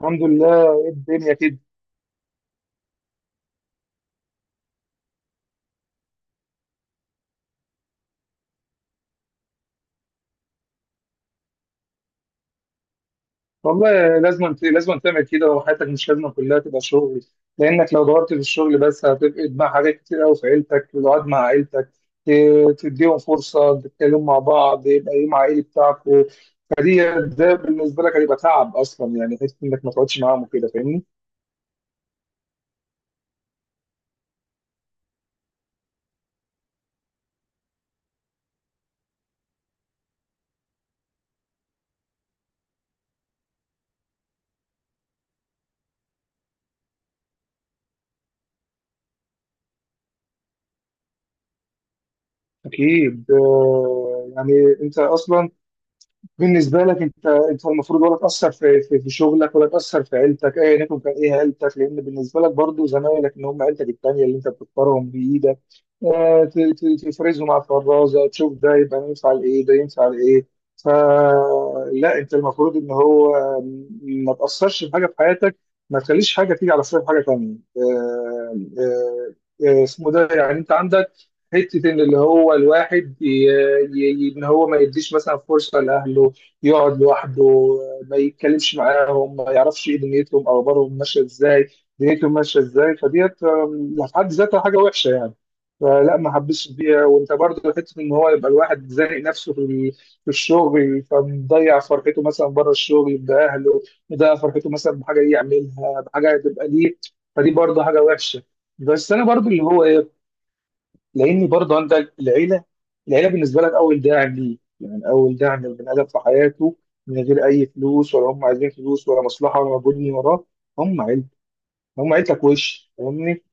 الحمد لله. ايه الدنيا كده؟ والله لازم تعمل كده، وحياتك مش لازم كلها تبقى شغل. لانك لو دورت في الشغل بس، هتفقد مع حاجات كتير قوي في عيلتك، القعد مع عيلتك. تديهم فرصه تتكلموا مع بعض، يبقى ايه مع ايه بتاعكم. فدي، ده بالنسبه لك هيبقى تعب اصلا، يعني حته انك ما تقعدش معاهم وكده، فاهمني. اكيد يعني، انت اصلا بالنسبه لك، انت المفروض، ولا تاثر في شغلك، ولا تاثر في عيلتك، ايا يكن كان ايه عيلتك، لان بالنسبه لك برضو زمايلك ان هم عيلتك التانيه اللي انت بتختارهم بايدك. تفرزهم على الفرازه، تشوف ده يبقى ينفع لايه، ده ينفع لايه. فلا انت المفروض ان هو ما تاثرش في حاجه في حياتك، ما تخليش حاجه تيجي على حساب حاجه تانيه. اسمه ده يعني، انت عندك حتة إن اللي هو الواحد إن هو ما يديش مثلا فرصة لأهله، يقعد لوحده، ما يتكلمش معاهم، ما يعرفش إيه دنيتهم أو أخبارهم ماشية إزاي، دنيتهم ماشية إزاي. فديت في حد ذاتها حاجة وحشة يعني. فلا ما حبسش فيها، وأنت برضه حتة إن هو يبقى الواحد زانق نفسه في في الشغل، فمضيع فرحته مثلا بره الشغل بأهله، مضيع فرحته مثلا بحاجة يعملها، بحاجة تبقى ليه. فدي برضه حاجة وحشة. بس انا برضو اللي هو لان برضه عندك العيله بالنسبه لك اول داعم ليه، يعني اول داعم للبني ادم في حياته. من غير اي فلوس، ولا هم عايزين فلوس ولا مصلحه ولا مجهود وراه، هم عيلتك، هم عيلتك، وش فاهمني.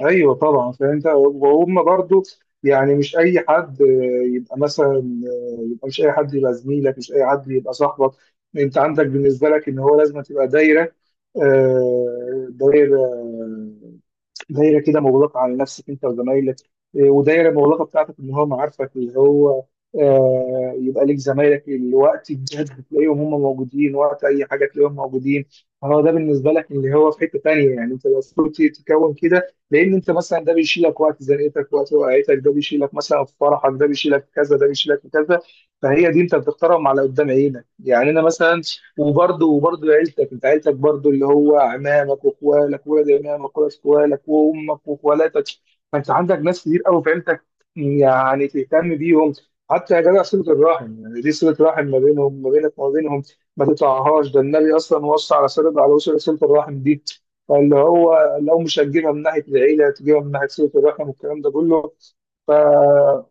ايوه، طبعا فانت وهم برضه يعني، مش اي حد يبقى مثلا، يبقى مش اي حد يبقى زميلك، مش اي حد يبقى صاحبك. انت عندك بالنسبه لك ان هو لازم تبقى دايره، آه، دايره دايره كده، مغلقه على نفسك انت وزمايلك. ودايره مغلقه بتاعتك ان هو معارفك، اللي هو يبقى ليك زمايلك اللي وقت الجد تلاقيهم هم موجودين، وقت اي حاجه تلاقيهم موجودين. فهو ده بالنسبه لك اللي هو في حته تانيه، يعني انت المفروض تكون كده، لان انت مثلا ده بيشيلك وقت زنقتك، وقت وقعتك، ده بيشيلك مثلا في فرحك، ده بيشيلك في كذا، ده بيشيلك في كذا. فهي دي انت بتختارهم على قدام عينك، يعني انا مثلا. وبرضه عيلتك، انت عيلتك برضه اللي هو عمامك واخوالك، ولاد عمامك، ولاد اخوالك، وامك، واخوالاتك. فانت عندك ناس كتير قوي في عيلتك، يعني تهتم بيهم، حتى يا جدع صلة الرحم. يعني دي صلة رحم ما بينهم، ما بينك وما بينهم، ما تقطعهاش. ده النبي اصلا وصى على وصل صلة الرحم دي. فاللي هو لو مش هتجيبها من ناحية العيلة، تجيبها من ناحية صلة الرحم، والكلام ده كله. فا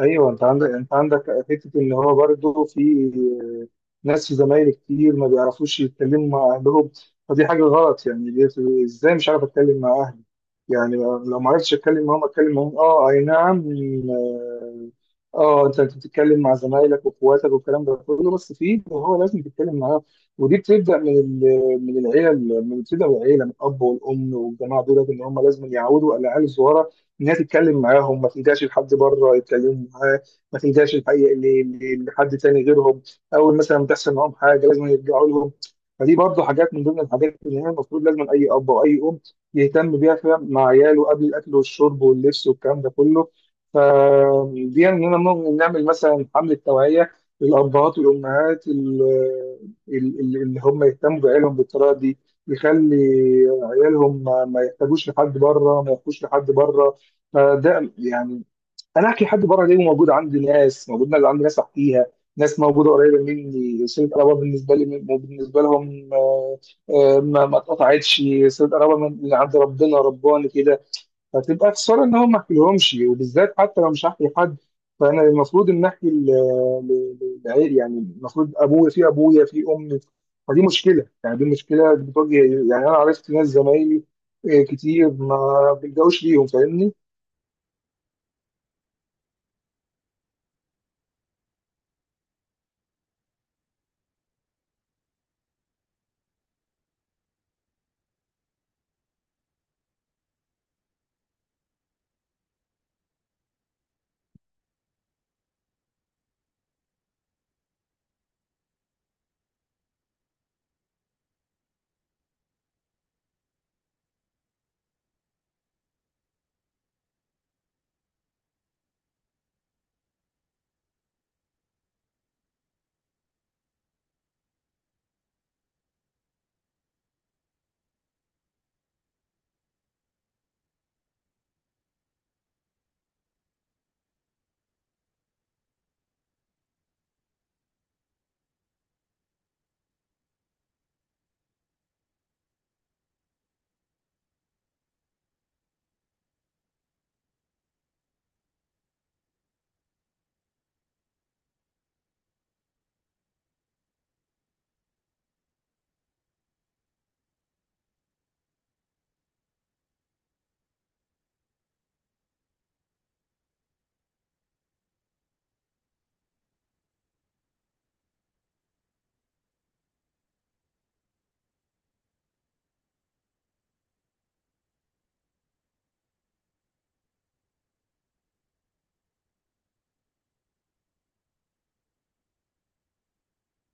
ايوه، انت عندك حتة ان هو برضه في زمايلي كتير ما بيعرفوش يتكلموا مع أهلهم. فدي حاجة غلط يعني. إزاي مش عارف أتكلم مع أهلي؟ يعني لو ما عرفتش أتكلم معاهم، أتكلم معاهم. أه، أي نعم. آه أنت بتتكلم مع زمايلك وإخواتك والكلام ده كله، بس في اللي هو لازم تتكلم معاه. ودي بتبدأ من العيلة، من الأب والأم والجماعة دول، إن هم لازم يعودوا على العيال الصغيرة إن هي تتكلم معاهم، ما تلجاش لحد بره يتكلموا معاه. ما تلجاش الحقيقة لحد تاني غيرهم. اول مثلا تحصل معاهم حاجه لازم يرجعوا لهم. فدي برضه حاجات من ضمن الحاجات اللي هي المفروض لازم اي اب واي ام يهتم بيها فعلا مع عياله، قبل الاكل والشرب واللبس والكلام ده كله. فدي اننا ممكن نعمل مثلا حمله توعيه للابهات والامهات اللي هم يهتموا بعيالهم بالطريقه دي، يخلي عيالهم ما يحتاجوش لحد بره، ما يحتاجوش لحد بره. فده يعني، انا احكي لحد بره ليه؟ موجود عندي ناس، موجود ناس عندي ناس احكيها، ناس موجوده قريبه مني، صله قرابه بالنسبه لي، بالنسبه لهم. ما اتقطعتش. صله قرابه من اللي عند ربنا، رباني كده. فتبقى خساره ان هم ما احكيلهمش، وبالذات حتى لو مش هحكي لحد، فانا المفروض ان احكي ل- للعيل، يعني المفروض ابويا في ابويا في امي. فدي مشكله يعني، دي مشكله بتواجه، يعني انا عرفت ناس زمايلي كتير ما بيلجأوش ليهم، فاهمني.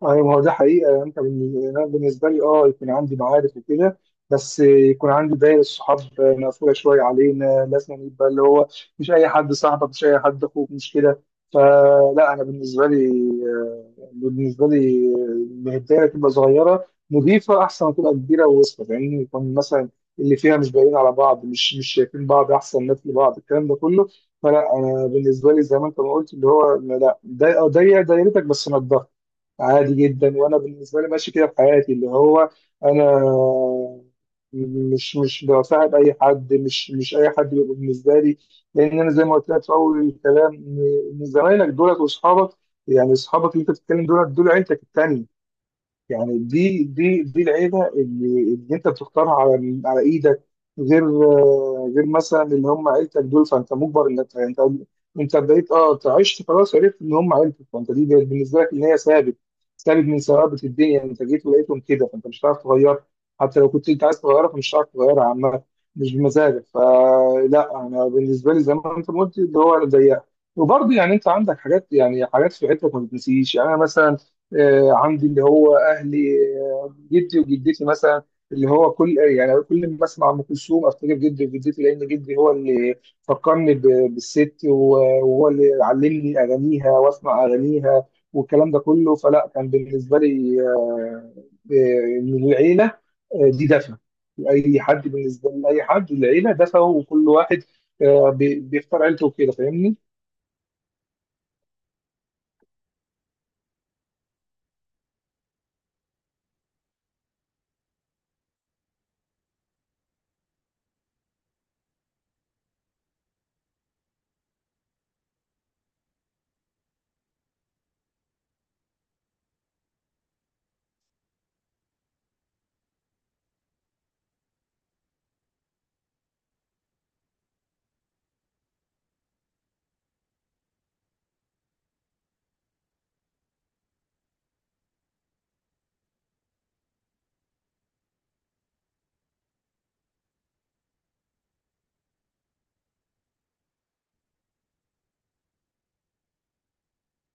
ايوه، ما هو ده حقيقه يعني. انت أنا بالنسبه لي يكون عندي معارف وكده، بس يكون عندي دايره صحاب مقفوله شويه. علينا لازم يبقى اللي هو مش اي حد صاحبك، مش اي حد اخوك، مش كده. فلا انا بالنسبه لي، آه، بالنسبه لي إن الدايره تبقى صغيره نضيفه، احسن ما تبقى كبيره ووسطه، لان يكون مثلا اللي فيها مش باقيين على بعض، مش شايفين بعض، احسن ناس لبعض الكلام ده كله. فلا انا بالنسبه لي زي ما انت ما قلت اللي هو لا، ضيق ضيق دايرتك بس نضف، عادي جدا. وانا بالنسبه لي ماشي كده في حياتي، اللي هو انا مش بصاحب اي حد، مش اي حد بيبقى بالنسبه لي. لان انا زي ما قلت لك في اول الكلام إن زمايلك دولت واصحابك، يعني اصحابك اللي انت بتتكلم دولت، دول عيلتك التانيه. يعني دي العيبه اللي انت بتختارها على ايدك، غير غير مثلا اللي هم عيلتك دول. فانت مجبر انك انت، انت بدأت أنت عشت خلاص، عرفت ان هم عيلتك، فانت دي بقت بالنسبه لك ان هي ثابت، ثابت من ثوابت الدنيا. انت جيت ولقيتهم كده، فانت مش هتعرف تغيرها، حتى لو كنت انت عايز تغيرها فمش هتعرف تغيرها عامه، مش بمزاجك. فلا انا بالنسبه لي زي ما انت ما قلت اللي هو ضيق. وبرضه يعني انت عندك حاجات، يعني حاجات في عيلتك ما بتنسيش، يعني انا مثلا عندي اللي هو اهلي، جدي وجدتي مثلا، اللي هو كل ما اسمع ام كلثوم افتكر جدي وجدتي، لان جدي هو اللي فكرني بالست وهو اللي علمني اغانيها واسمع اغانيها والكلام ده كله. فلا كان بالنسبه لي من العيله، دي دفى. اي حد بالنسبه لاي حد العيله دفى، وكل واحد بيختار عيلته وكده، فاهمني.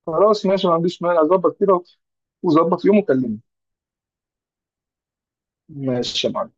خلاص ماشي، ما عنديش مانع، اظبط كده وظبط يوم وكلمني. ماشي يا معلم.